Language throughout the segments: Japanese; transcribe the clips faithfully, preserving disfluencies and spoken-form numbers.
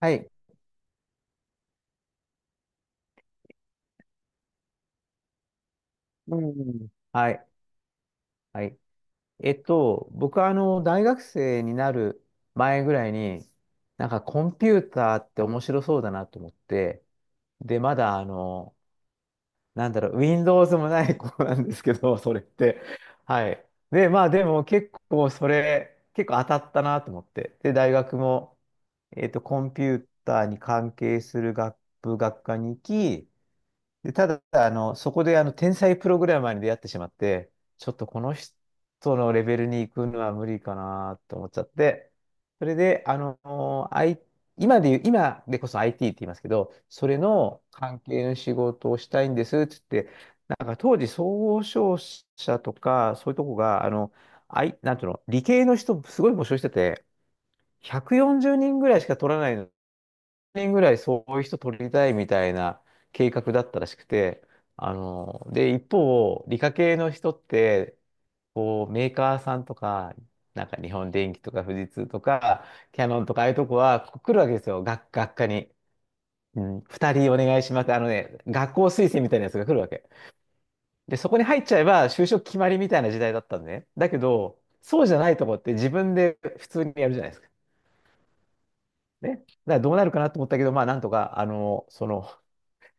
はい。うん。はい。はい。えっと、僕はあの、大学生になる前ぐらいに、なんかコンピューターって面白そうだなと思って、で、まだあの、なんだろう、Windows もない子なんですけど、それって。はい。で、まあでも結構それ、結構当たったなと思って。で、大学も、えっと、コンピューターに関係する学部学科に行き、で、ただ、あの、そこで、あの、天才プログラマーに出会ってしまって、ちょっとこの人のレベルに行くのは無理かなと思っちゃって、それで、あの、I、今で言う、今でこそ アイティー って言いますけど、それの関係の仕事をしたいんですって言って、なんか当時、総商社とか、そういうとこが、あの、I、なんていうの、理系の人、すごい募集してて、ひゃくよんじゅうにんぐらいしか取らないの人ぐらいそういう人取りたいみたいな計画だったらしくて、あの、で、一方、理科系の人って、こう、メーカーさんとか、なんか日本電機とか富士通とか、キヤノンとかああいうとこはこう来るわけですよ、学、学科に。うん、ふたりお願いします。あのね、学校推薦みたいなやつが来るわけ。で、そこに入っちゃえば就職決まりみたいな時代だったんでね。だけど、そうじゃないとこって自分で普通にやるじゃないですか。ね。だからどうなるかなと思ったけど、まあなんとか、あの、その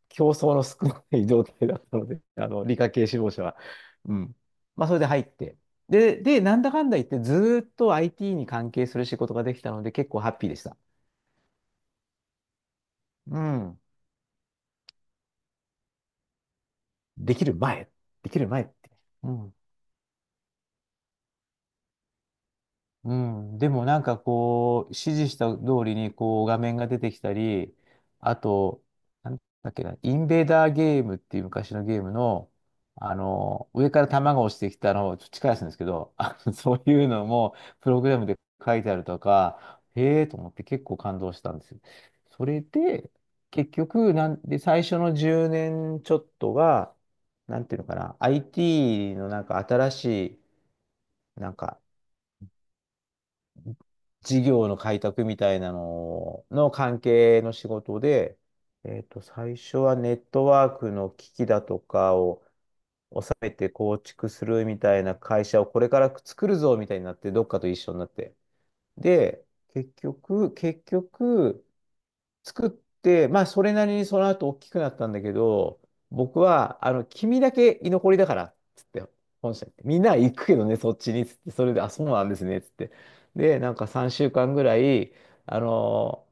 競争の少ない状態だったので、あの、理科系志望者は。うん。まあ、それで入って。で、で、なんだかんだ言って、ずーっと アイティー に関係する仕事ができたので、結構ハッピーでした。うん。できる前。できる前って。うん。うん、でもなんかこう、指示した通りにこう画面が出てきたり、あと、なんだっけな、インベーダーゲームっていう昔のゲームの、あの、上から弾が落ちてきたのをちょっと近いやつなんですけど、あのそういうのもプログラムで書いてあるとか、へえと思って結構感動したんですよ。それで、結局、なんで、最初のじゅうねんちょっとが、なんていうのかな、アイティー のなんか新しい、なんか事業の開拓みたいなのの関係の仕事で、えっと、最初はネットワークの機器だとかを収めて構築するみたいな会社をこれから作るぞみたいになって、どっかと一緒になって。で、結局、結局、作って、まあ、それなりにその後大きくなったんだけど、僕は、あの、君だけ居残りだから、つって、本社行って、みんなは行くけどね、そっちに、つって、それで、あ、そうなんですね、つって。で、なんかさんしゅうかんぐらい、あの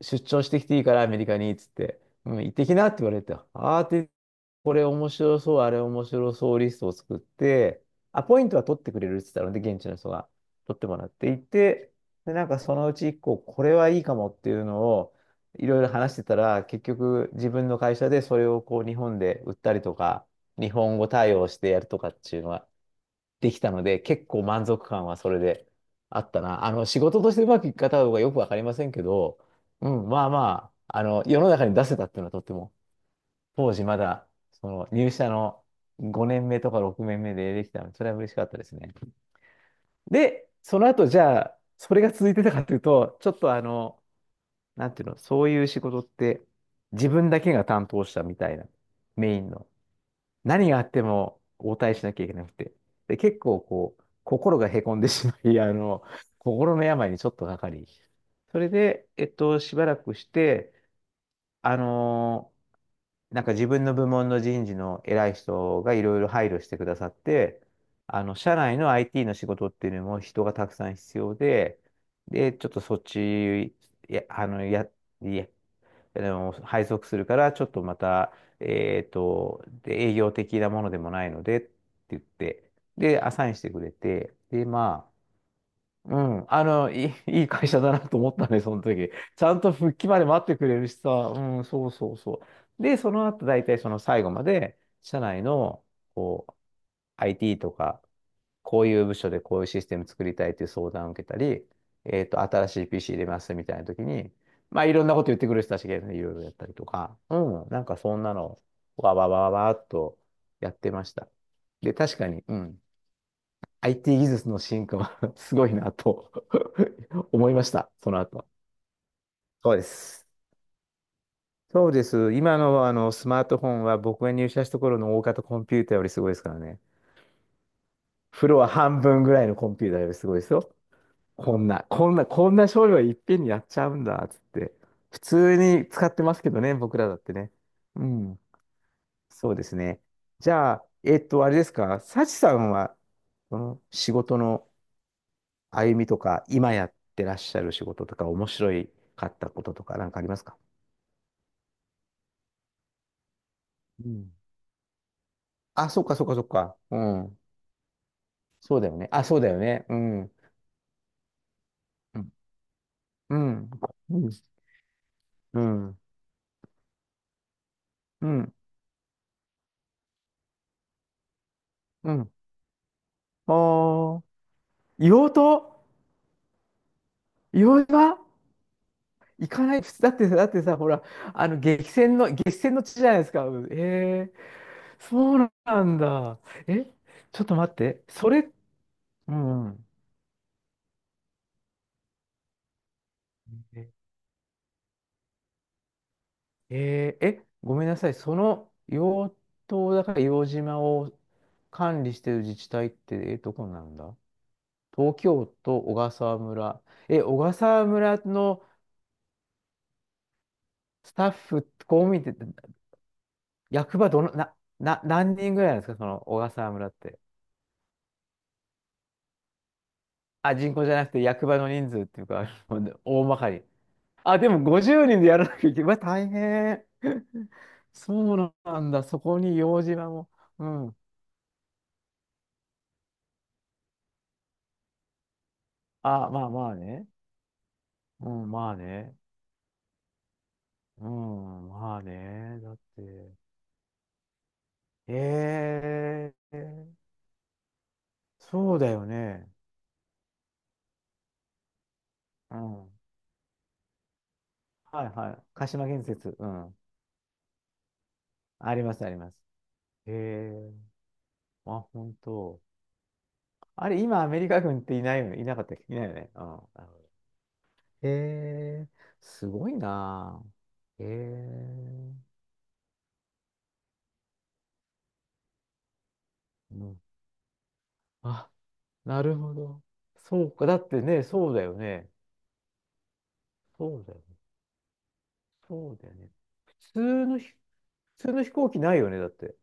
出張してきていいから、アメリカに、つって、うん、行ってきなって言われて、あーってこれ面白そう、あれ面白そうリストを作って、アポイントは取ってくれるって言ったので、現地の人が取ってもらっていて、で、なんかそのうちいっこ、これはいいかもっていうのをいろいろ話してたら、結局自分の会社でそれをこう日本で売ったりとか、日本語対応してやるとかっていうのはできたので、結構満足感はそれであったな。あの、仕事としてうまくいく方とかよくわかりませんけど、うん、まあまあ、あの、世の中に出せたっていうのはとっても当時まだ、その入社のごねんめとかろくねんめでできたので、それは嬉しかったですね。で、その後、じゃあ、それが続いてたかというと、ちょっとあの、なんていうの、そういう仕事って、自分だけが担当したみたいな、メインの。何があっても応対しなきゃいけなくて。で、結構こう、心がへこんでしまい、あの、心の病にちょっとかかり。それで、えっと、しばらくして、あのなんか自分の部門の人事の偉い人がいろいろ配慮してくださって、あの、社内の アイティー の仕事っていうのも人がたくさん必要で、で、ちょっとそっち、いや、あの、や、いや、あの、配属するから、ちょっとまた、えっと、で、営業的なものでもないので、って言って、で、アサインしてくれて、で、まうん、あの、いい、いい会社だなと思ったね、その時。ちゃんと復帰まで待ってくれるしさ、うん、そうそうそう。で、その後、大体その最後まで、社内の、こう、アイティー とか、こういう部署でこういうシステム作りたいという相談を受けたり、えっと、新しい ピーシー 入れますみたいな時に、まあ、いろんなこと言ってくる人たちがいるのでいろいろやったりとか、うん、なんかそんなのを、わわわわわっとやってました。で、確かに、うん、アイティー 技術の進化は すごいなと 思いました、その後。そうです。そうです。今の、あのスマートフォンは僕が入社した頃の大型コンピューターよりすごいですからね。フロア半分ぐらいのコンピューターよりすごいですよ。こんな、こんな、こんな処理をいっぺんにやっちゃうんだ、つって。普通に使ってますけどね、僕らだってね。うん、そうですね。じゃあ、えっと、あれですか、サチさんは、その仕事の歩みとか、今やってらっしゃる仕事とか、面白いかったこととか、なんかありますか？うん。あ、そっかそっかそっか。うん。そうだよね。あ、そうだよね。うん。うん。うん。うん。うん。うん。あー硫黄島。硫黄島行かない。普通だってさ、だってさ、ほら、あの、激戦の、激戦の地じゃないですか。うんえー、そうなんだ。え、ちょっと待って。それ、うん。うんえーえ、ごめんなさい。その養島だから硫黄島を管理している自治体って、えー、どこなんだ？東京都小笠原村。え、小笠原村のスタッフ、こう見て、役場どの、な、な、何人ぐらいなんですかその小笠原村って？あ、人口じゃなくて役場の人数っていうか、あの大まかに。あ、でもごじゅうにんでやらなきゃいけない。うわ、大変。そうなんだ。そこに硫黄島も。うん。あ、まあまあね。うん、まあね。うん、まあね。だって、ええ、そうだよね。うん。はいはい。鹿島建設。うん。あります、あります。ええ、あ、本当。あれ、今、アメリカ軍っていないよね。いなかったっけ、いないよね。うん。なるほど。ええ、すごいなぁ。ええ、うん。あ、なるほど。そうか。だってね、そうだよね。そうだよね。そうだよね。普通の飛普通の飛行機ないよね、だって。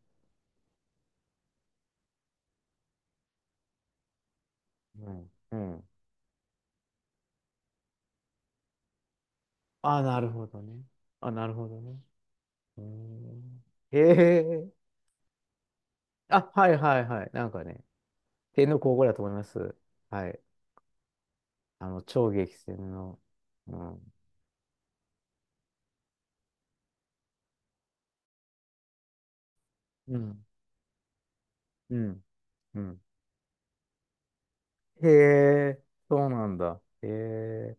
うんうん。あ、なるほどね。あ、なるほどね。うーん。へえ。あ、はいはいはい。なんかね、天皇皇后だと思います。はい。あの、超激戦の。うん。うん。うん。うん。へえ、そうなんだ。へえ、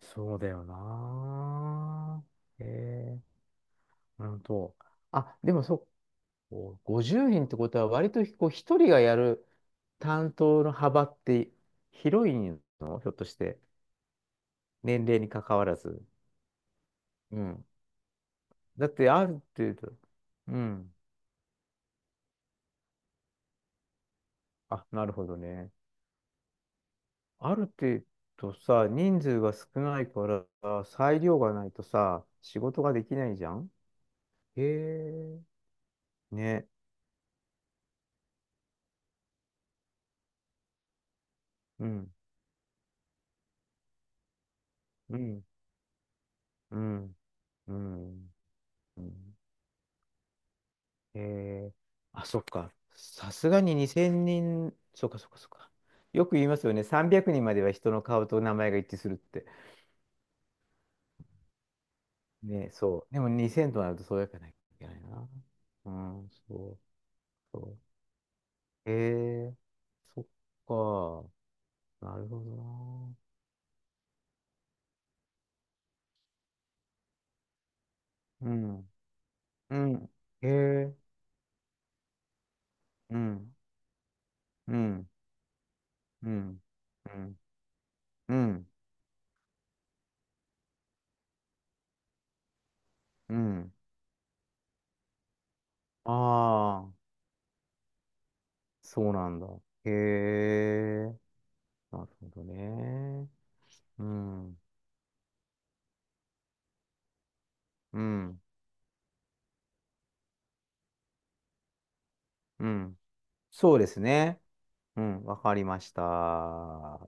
そうだよな。へえ、うんと。あ、でもそっこうごじゅうにんってことは割とこう一人がやる担当の幅って広いの？ひょっとして。年齢に関わらず。うん。だってある程度。うん。あ、なるほどね。ある程度さ、人数が少ないから裁量がないとさ、仕事ができないじゃん。へえ。ね。うん。うん。うん。うん。うんえー、あ、そっか。さすがににせんにん、そっかそっかそっか。よく言いますよね。さんびゃくにんまでは人の顔と名前が一致するって。ね、そう。でもにせんとなるとそうやかないといけないな。うん、そう、そう。えー、そっか。なるほどな。うん、うん、えー、うん、うん、うん、うん、うん、うん。ああ、そうなんだ。へえ、なるほどね。うん、うん、うん。そうですね。うん、わかりました。